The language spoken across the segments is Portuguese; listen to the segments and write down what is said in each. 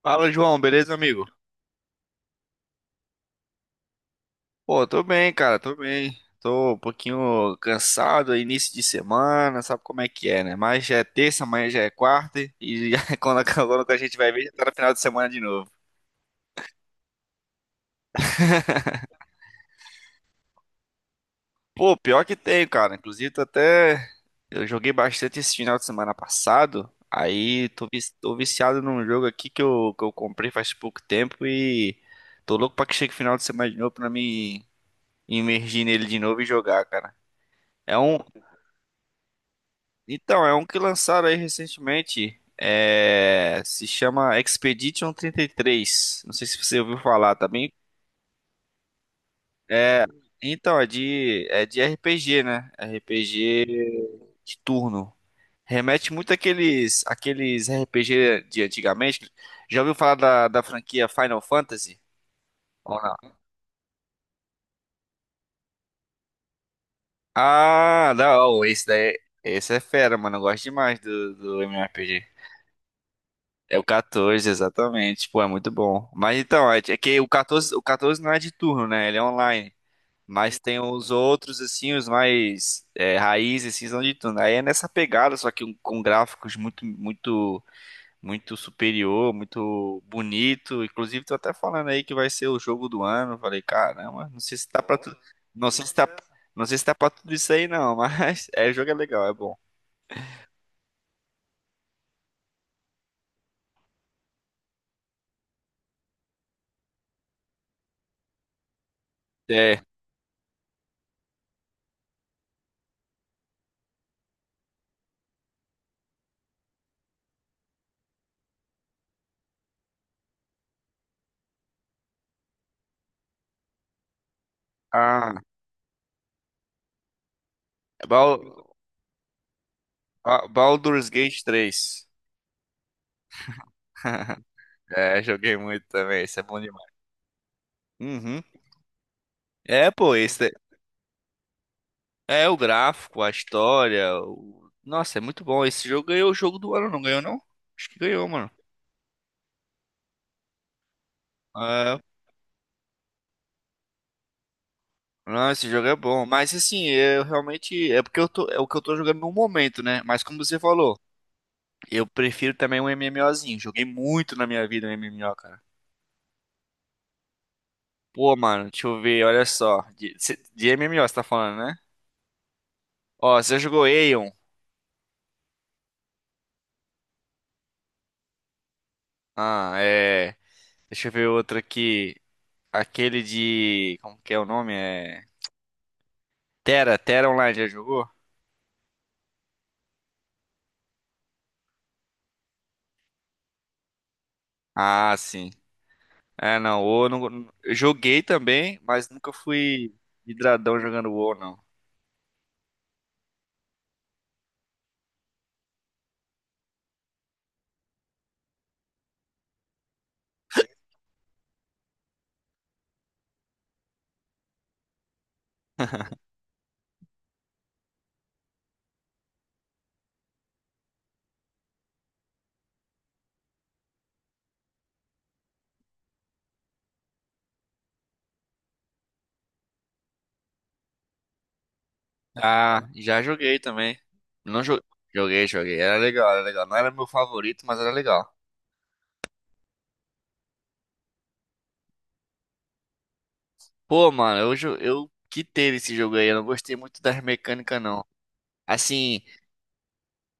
Fala, João, beleza, amigo? Pô, tô bem, cara, tô bem. Tô um pouquinho cansado, é início de semana, sabe como é que é, né? Mas já é terça, amanhã já é quarta e já, quando a gente vai ver, já tá no final de semana de novo. Pô, pior que tem, cara. Inclusive, tô até. Eu joguei bastante esse final de semana passado. Aí tô viciado num jogo aqui que eu comprei faz pouco tempo e tô louco pra que chegue o final de semana de novo pra me imergir nele de novo e jogar, cara. É um, Então, é um que lançaram aí recentemente. É, se chama Expedition 33. Não sei se você ouviu falar, tá bem? É, então, é de RPG, né? RPG de turno. Remete muito àqueles RPG de antigamente. Já ouviu falar da franquia Final Fantasy? Ou não? Ah, não, esse daí, esse é fera, mano. Eu gosto demais do MMORPG. É o 14, exatamente. Pô, é muito bom. Mas então, é que o 14 não é de turno, né? Ele é online. Mas tem os outros, assim, os mais é, raízes, assim, são de turno. Aí é nessa pegada, só com gráficos muito, muito, muito superior, muito bonito. Inclusive, tô até falando aí que vai ser o jogo do ano. Eu falei, caramba, não sei se tá pra tudo. Não sei se tá, não sei se tá pra tudo isso aí, não. Mas é, o jogo é legal, é bom. É. Ah, é Baldur's Gate 3. É, joguei muito também, isso é bom demais. Uhum. É, pô, esse é o gráfico, a história. Nossa, é muito bom. Esse jogo ganhou o jogo do ano, não ganhou, não? Acho que ganhou, mano. É. Não, esse jogo é bom. Mas assim, eu realmente. É porque eu tô. É o que eu tô jogando no momento, né? Mas como você falou, eu prefiro também um MMOzinho. Joguei muito na minha vida um MMO, cara. Pô, mano, deixa eu ver, olha só. De MMO você tá falando, né? Ó, você jogou Aeon? Ah, é. Deixa eu ver outro aqui. Aquele de. Como que é o nome? É. Terra, Terra Online, já jogou? Ah, sim. É, não, o não. Eu joguei também, mas nunca fui hidradão jogando o não. Ah, já joguei também. Não jo- Joguei, joguei. Era legal, era legal. Não era meu favorito, mas era legal. Pô, mano, eu quitei esse jogo aí. Eu não gostei muito das mecânicas, não. Assim,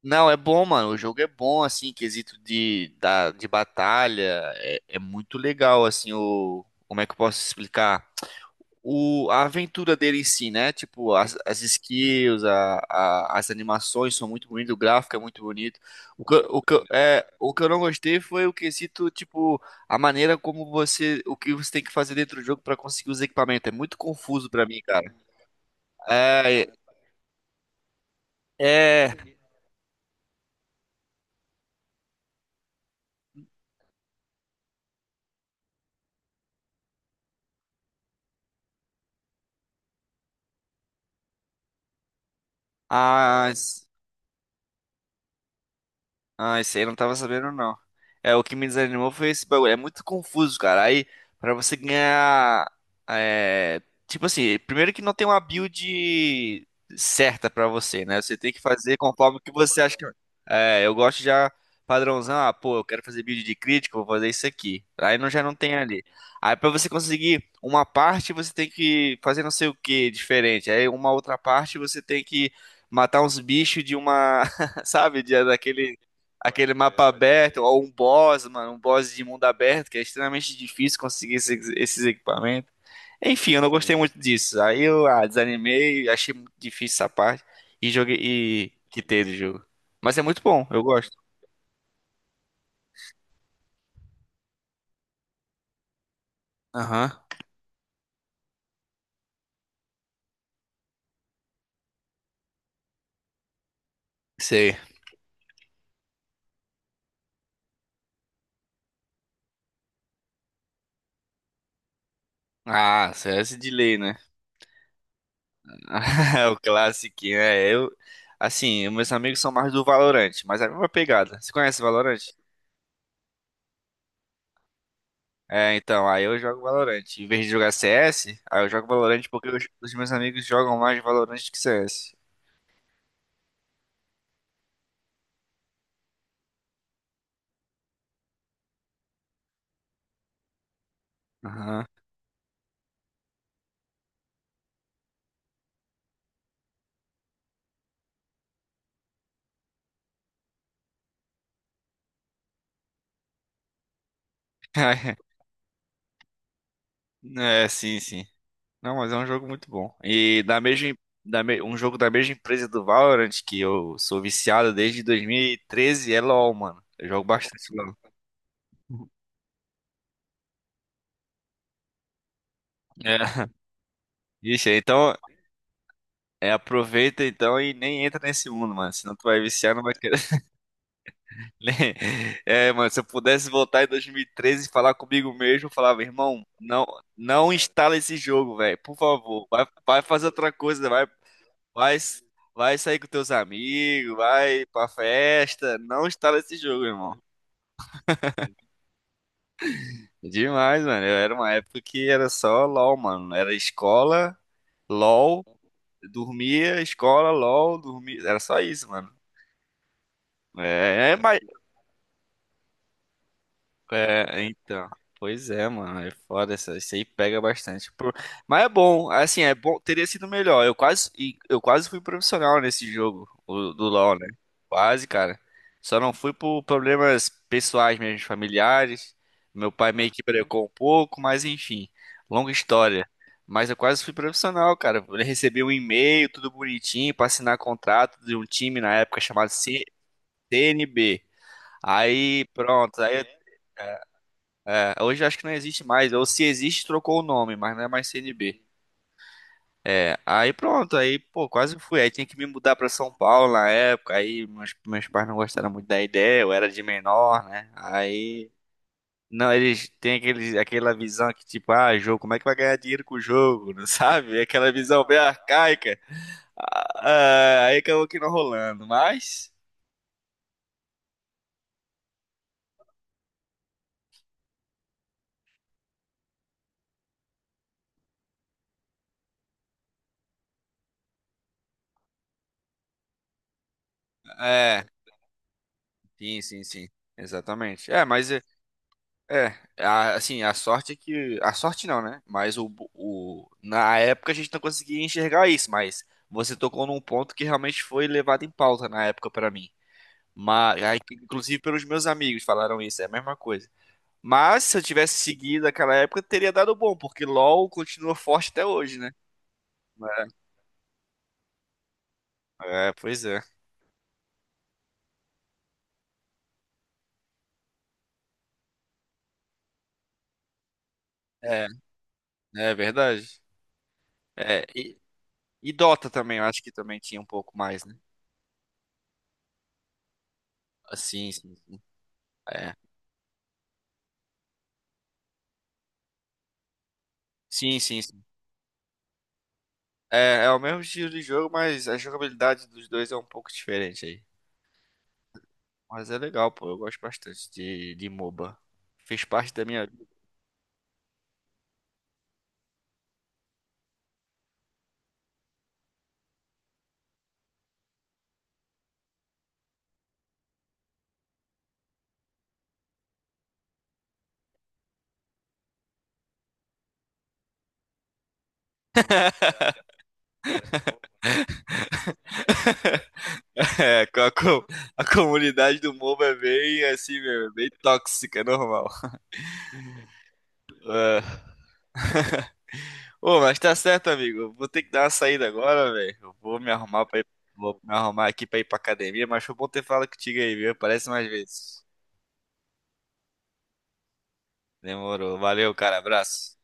não, é bom, mano. O jogo é bom, assim, em quesito de batalha. É, é muito legal, assim, o. Como é que eu posso explicar? A aventura dele em si, né? Tipo, as skills, as animações são muito bonitas, o gráfico é muito bonito. O que eu não gostei foi o quesito, tipo, a maneira como você. O que você tem que fazer dentro do jogo pra conseguir os equipamentos. É muito confuso pra mim, cara. É, é. As, Ah, esse aí eu não tava sabendo, não. É, o que me desanimou foi esse bagulho. É muito confuso, cara. Aí, pra você ganhar. É, tipo assim, primeiro que não tem uma build certa pra você, né? Você tem que fazer conforme o que você acha que. É, eu gosto já padrãozão. Ah, pô, eu quero fazer build de crítico, vou fazer isso aqui. Aí não, já não tem ali. Aí pra você conseguir uma parte, você tem que fazer não sei o que diferente. Aí uma outra parte, você tem que matar uns bichos de uma. Sabe, de, daquele aquele mapa aberto, ou um boss, mano, um boss de mundo aberto, que é extremamente difícil conseguir esses equipamentos. Enfim, eu não gostei muito disso. Aí eu desanimei, achei muito difícil essa parte e joguei e quitei do jogo. Mas é muito bom, eu gosto. Aham, sei. Ah, CS de lei, né? O clássico, né? Eu, assim, meus amigos são mais do Valorant, mas é a mesma pegada. Você conhece o Valorant? É, então, aí eu jogo Valorant. Em vez de jogar CS, aí eu jogo Valorant porque os meus amigos jogam mais Valorant que CS. Aham. É, sim, sim. Não, mas é um jogo muito bom. E da mesma, da me- um jogo da mesma empresa do Valorant, que eu sou viciado desde 2013, é LoL, mano. Eu jogo bastante LoL. É. Ixi, então, aproveita então e nem entra nesse mundo, mano. Senão tu vai viciar, não vai. É, mano, se eu pudesse voltar em 2013 e falar comigo mesmo, eu falava, irmão, não, não instala esse jogo, velho, por favor, vai, vai fazer outra coisa, vai, vai, vai sair com teus amigos, vai pra festa, não instala esse jogo, irmão. Demais, mano, era uma época que era só LOL, mano, era LOL, escola, LOL, dormia, era só isso, mano. É, É, então. Pois é, mano. É foda essa. Isso aí pega bastante. Por- Mas é bom, assim, é bom. Teria sido melhor. Eu quase fui profissional nesse jogo, do LoL, né? Quase, cara. Só não fui por problemas pessoais mesmo, familiares. Meu pai meio que brecou um pouco, mas enfim, longa história. Mas eu quase fui profissional, cara. Eu recebi um e-mail, tudo bonitinho, pra assinar contrato de um time na época chamado CNB. Aí, pronto, hoje acho que não existe mais. Ou se existe, trocou o nome, mas não é mais CNB. É, aí pronto, aí, pô, quase fui. Aí tinha que me mudar pra São Paulo na época. Aí meus pais não gostaram muito da ideia, eu era de menor, né? Aí. Não, eles têm aquela visão que, tipo, ah, jogo, como é que vai ganhar dinheiro com o jogo? Não sabe? Aquela visão bem arcaica. Ah, aí acabou que não rolando, mas. É, sim, sim, sim. Exatamente. É, mas. É, É, assim, a sorte é que. A sorte não, né? Mas na época a gente não conseguia enxergar isso, mas você tocou num ponto que realmente foi levado em pauta na época pra mim. Mas, aí, inclusive pelos meus amigos falaram isso, é a mesma coisa. Mas se eu tivesse seguido aquela época, teria dado bom, porque LoL continua forte até hoje, né? É, é, pois é. É, é verdade. É, e Dota também, eu acho que também tinha um pouco mais, né? Ah, sim, sim. É. Sim, sim, sim. É, é o mesmo estilo de jogo, mas a jogabilidade dos dois é um pouco diferente aí. Mas é legal, pô. Eu gosto bastante de MOBA. Fez parte da minha vida. É, a comunidade do MOBA é bem assim mesmo, é bem tóxica, é normal. É. Ô, mas tá certo, amigo. Eu vou ter que dar uma saída agora, velho. Eu vou me arrumar aqui pra ir pra academia, mas foi bom ter falado contigo aí, viu? Aparece mais vezes. Demorou. Valeu, cara. Abraço.